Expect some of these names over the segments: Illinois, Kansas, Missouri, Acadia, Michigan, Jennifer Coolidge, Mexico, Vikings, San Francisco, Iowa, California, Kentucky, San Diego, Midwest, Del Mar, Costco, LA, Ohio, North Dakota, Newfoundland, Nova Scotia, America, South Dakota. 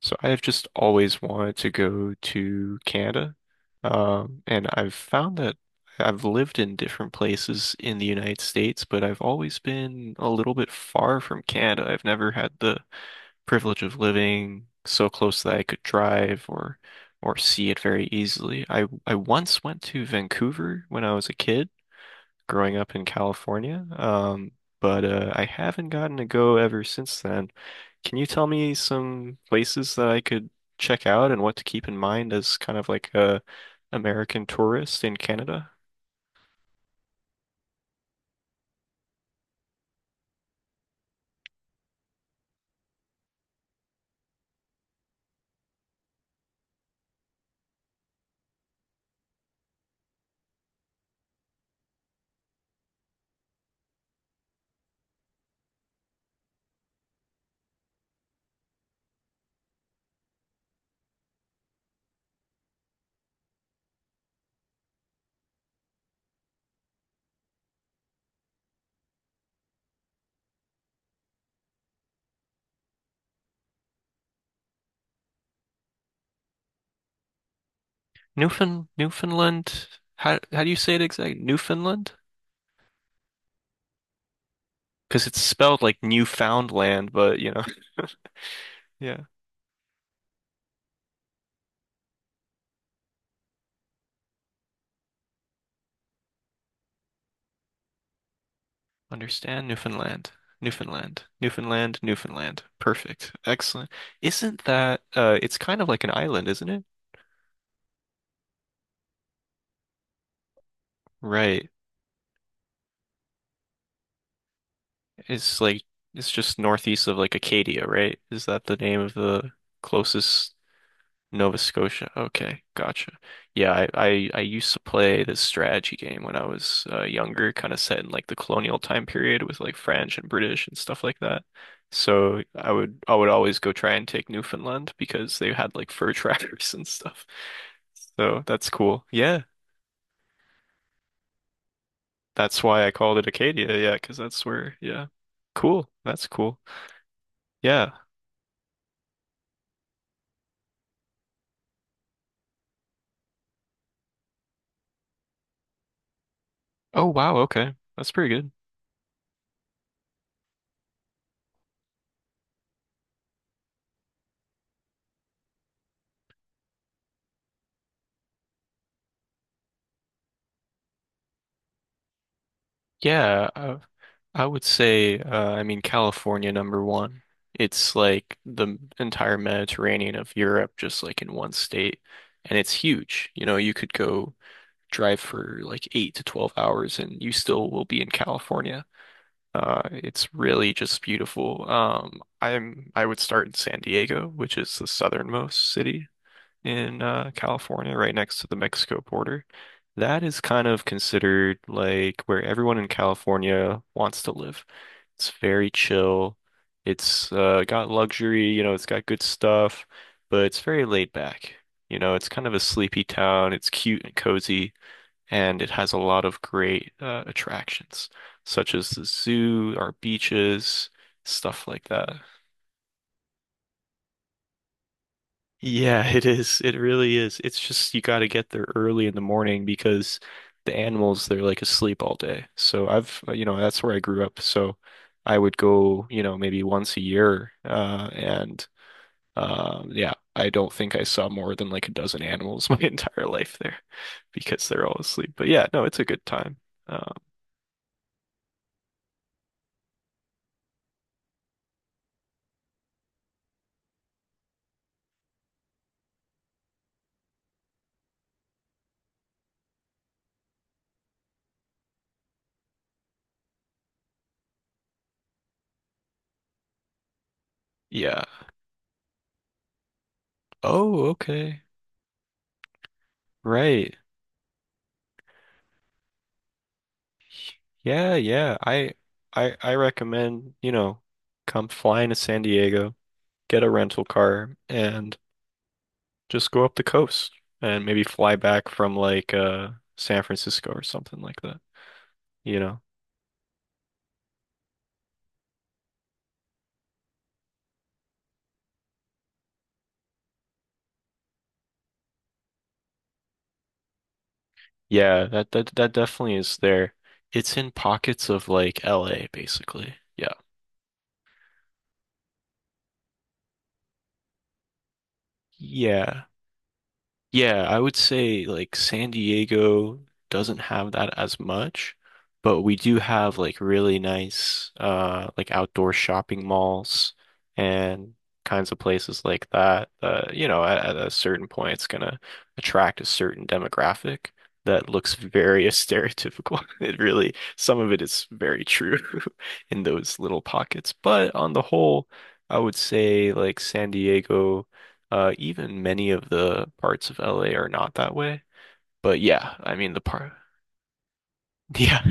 So I've just always wanted to go to Canada. And I've found that I've lived in different places in the United States, but I've always been a little bit far from Canada. I've never had the privilege of living so close that I could drive or see it very easily. I once went to Vancouver when I was a kid growing up in California. But I haven't gotten to go ever since then. Can you tell me some places that I could check out and what to keep in mind as kind of like a American tourist in Canada? Newfoundland. How do you say it exactly? Newfoundland? Because it's spelled like Newfoundland, but you know, yeah. Understand Newfoundland. Newfoundland. Newfoundland. Newfoundland. Perfect. Excellent. Isn't that it's kind of like an island, isn't it? Right. It's like it's just northeast of like Acadia, right? Is that the name of the closest Nova Scotia. Okay, gotcha. Yeah, I used to play this strategy game when I was younger, kind of set in like the colonial time period with like French and British and stuff like that. So I would always go try and take Newfoundland because they had like fur trappers and stuff. So that's cool. Yeah, that's why I called it Acadia. Yeah, because that's where. Yeah, cool. That's cool. Yeah. Oh wow. Okay, that's pretty good. Yeah. I would say, I mean, California number one. It's like the entire Mediterranean of Europe, just like in one state. And it's huge. You know, you could go drive for like eight to 12 hours and you still will be in California. It's really just beautiful. I would start in San Diego, which is the southernmost city in California, right next to the Mexico border. That is kind of considered like where everyone in California wants to live. It's very chill. It's got luxury, you know, it's got good stuff, but it's very laid back. You know, it's kind of a sleepy town. It's cute and cozy, and it has a lot of great attractions, such as the zoo, our beaches, stuff like that. Yeah, it is. It really is. It's just you got to get there early in the morning because the animals they're like asleep all day. So I've you know that's where I grew up. So I would go you know maybe once a year, and yeah, I don't think I saw more than like a dozen animals my entire life there because they're all asleep. But yeah, no, it's a good time. Um, yeah. Oh, okay. Right. Yeah, yeah. I recommend you know come flying to San Diego. Get a rental car and just go up the coast and maybe fly back from like San Francisco or something like that. You know? Yeah, that definitely is there. It's in pockets of like LA, basically. Yeah. Yeah. Yeah, I would say like San Diego doesn't have that as much, but we do have like really nice like outdoor shopping malls and kinds of places like that. You know, at a certain point it's gonna attract a certain demographic that looks very stereotypical. It really, some of it is very true in those little pockets, but on the whole, I would say like San Diego. Even many of the parts of LA are not that way. But yeah, I mean the part. Yeah.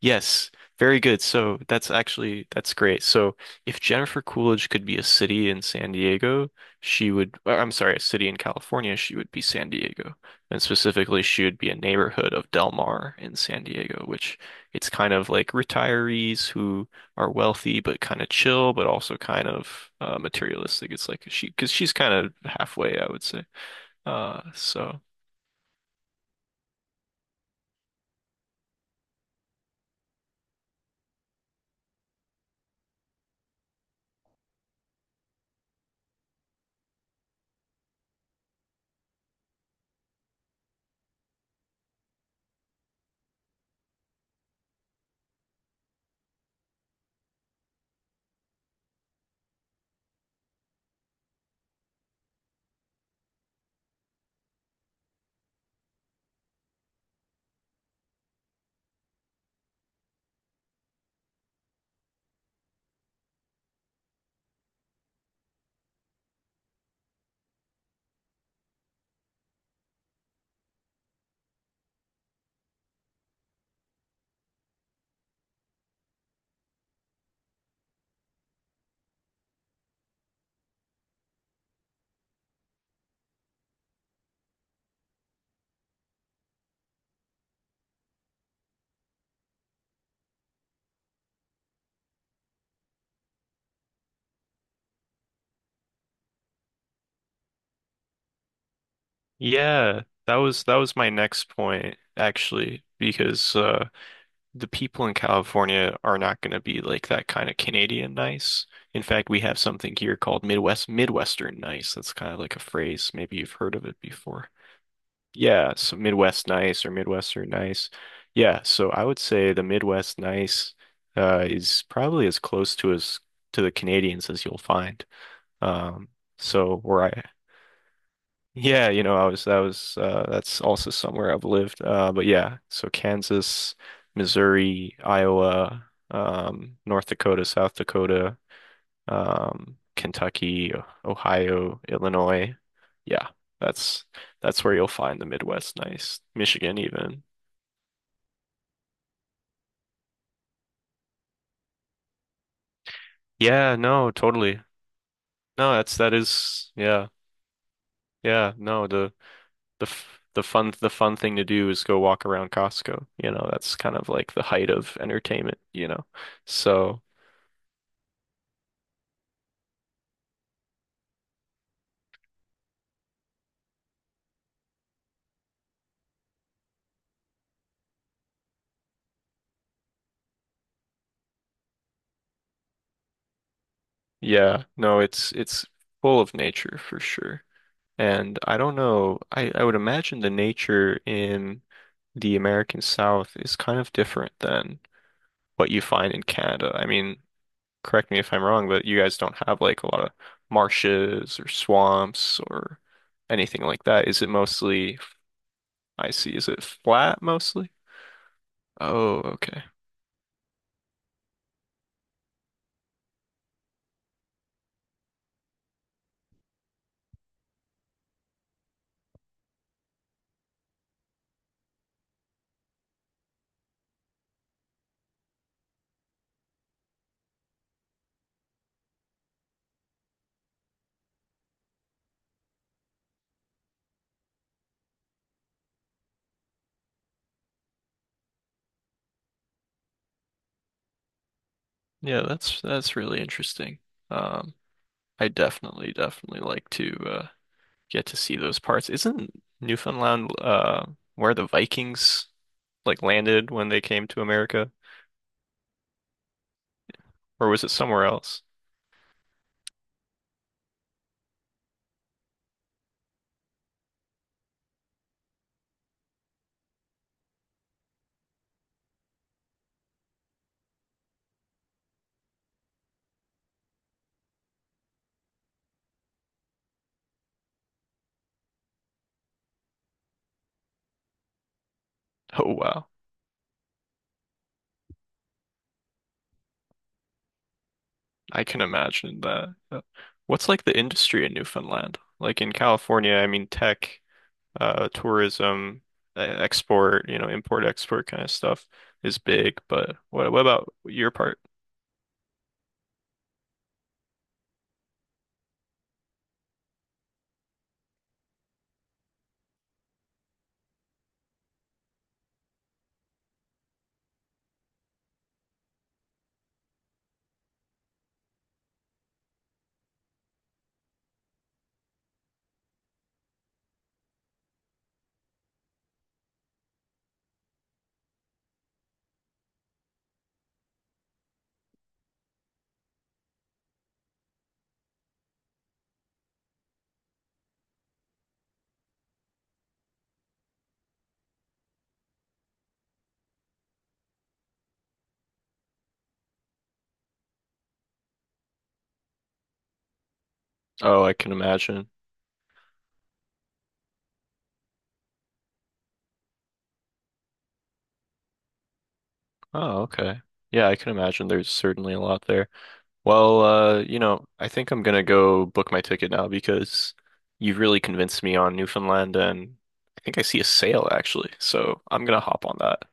Yes. Very good. So that's actually that's great. So if Jennifer Coolidge could be a city in San Diego, she would, I'm sorry, a city in California, she would be San Diego. And specifically, she would be a neighborhood of Del Mar in San Diego, which it's kind of like retirees who are wealthy but kind of chill, but also kind of materialistic. It's like she, because she's kind of halfway, I would say. So yeah, that was my next point actually, because the people in California are not going to be like that kind of Canadian nice. In fact, we have something here called Midwestern nice. That's kind of like a phrase. Maybe you've heard of it before. Yeah, so Midwest nice or Midwestern nice. Yeah, so I would say the Midwest nice is probably as close to as to the Canadians as you'll find. Um, so where I Yeah, you know, I was that was that's also somewhere I've lived. But yeah, so Kansas, Missouri, Iowa, North Dakota, South Dakota, Kentucky, Ohio, Illinois. Yeah, that's that's where you'll find the Midwest nice. Michigan even. Yeah, no, totally. No, that's that is yeah. Yeah, no, the fun thing to do is go walk around Costco. You know, that's kind of like the height of entertainment, you know. So, yeah, no, it's full of nature for sure. And I don't know, I would imagine the nature in the American South is kind of different than what you find in Canada. I mean, correct me if I'm wrong, but you guys don't have like a lot of marshes or swamps or anything like that. Is it mostly, I see, is it flat mostly? Oh, okay. Yeah, that's really interesting. Um, I definitely, definitely like to get to see those parts. Isn't Newfoundland where the Vikings like landed when they came to America? Or was it somewhere else? Oh wow. I can imagine that. What's like the industry in Newfoundland? Like in California, I mean tech, tourism, export, you know, import export kind of stuff is big, but what about your part? Oh, I can imagine. Oh, okay. Yeah, I can imagine there's certainly a lot there. Well, you know, I think I'm gonna go book my ticket now because you've really convinced me on Newfoundland and I think I see a sale actually, so I'm gonna hop on that.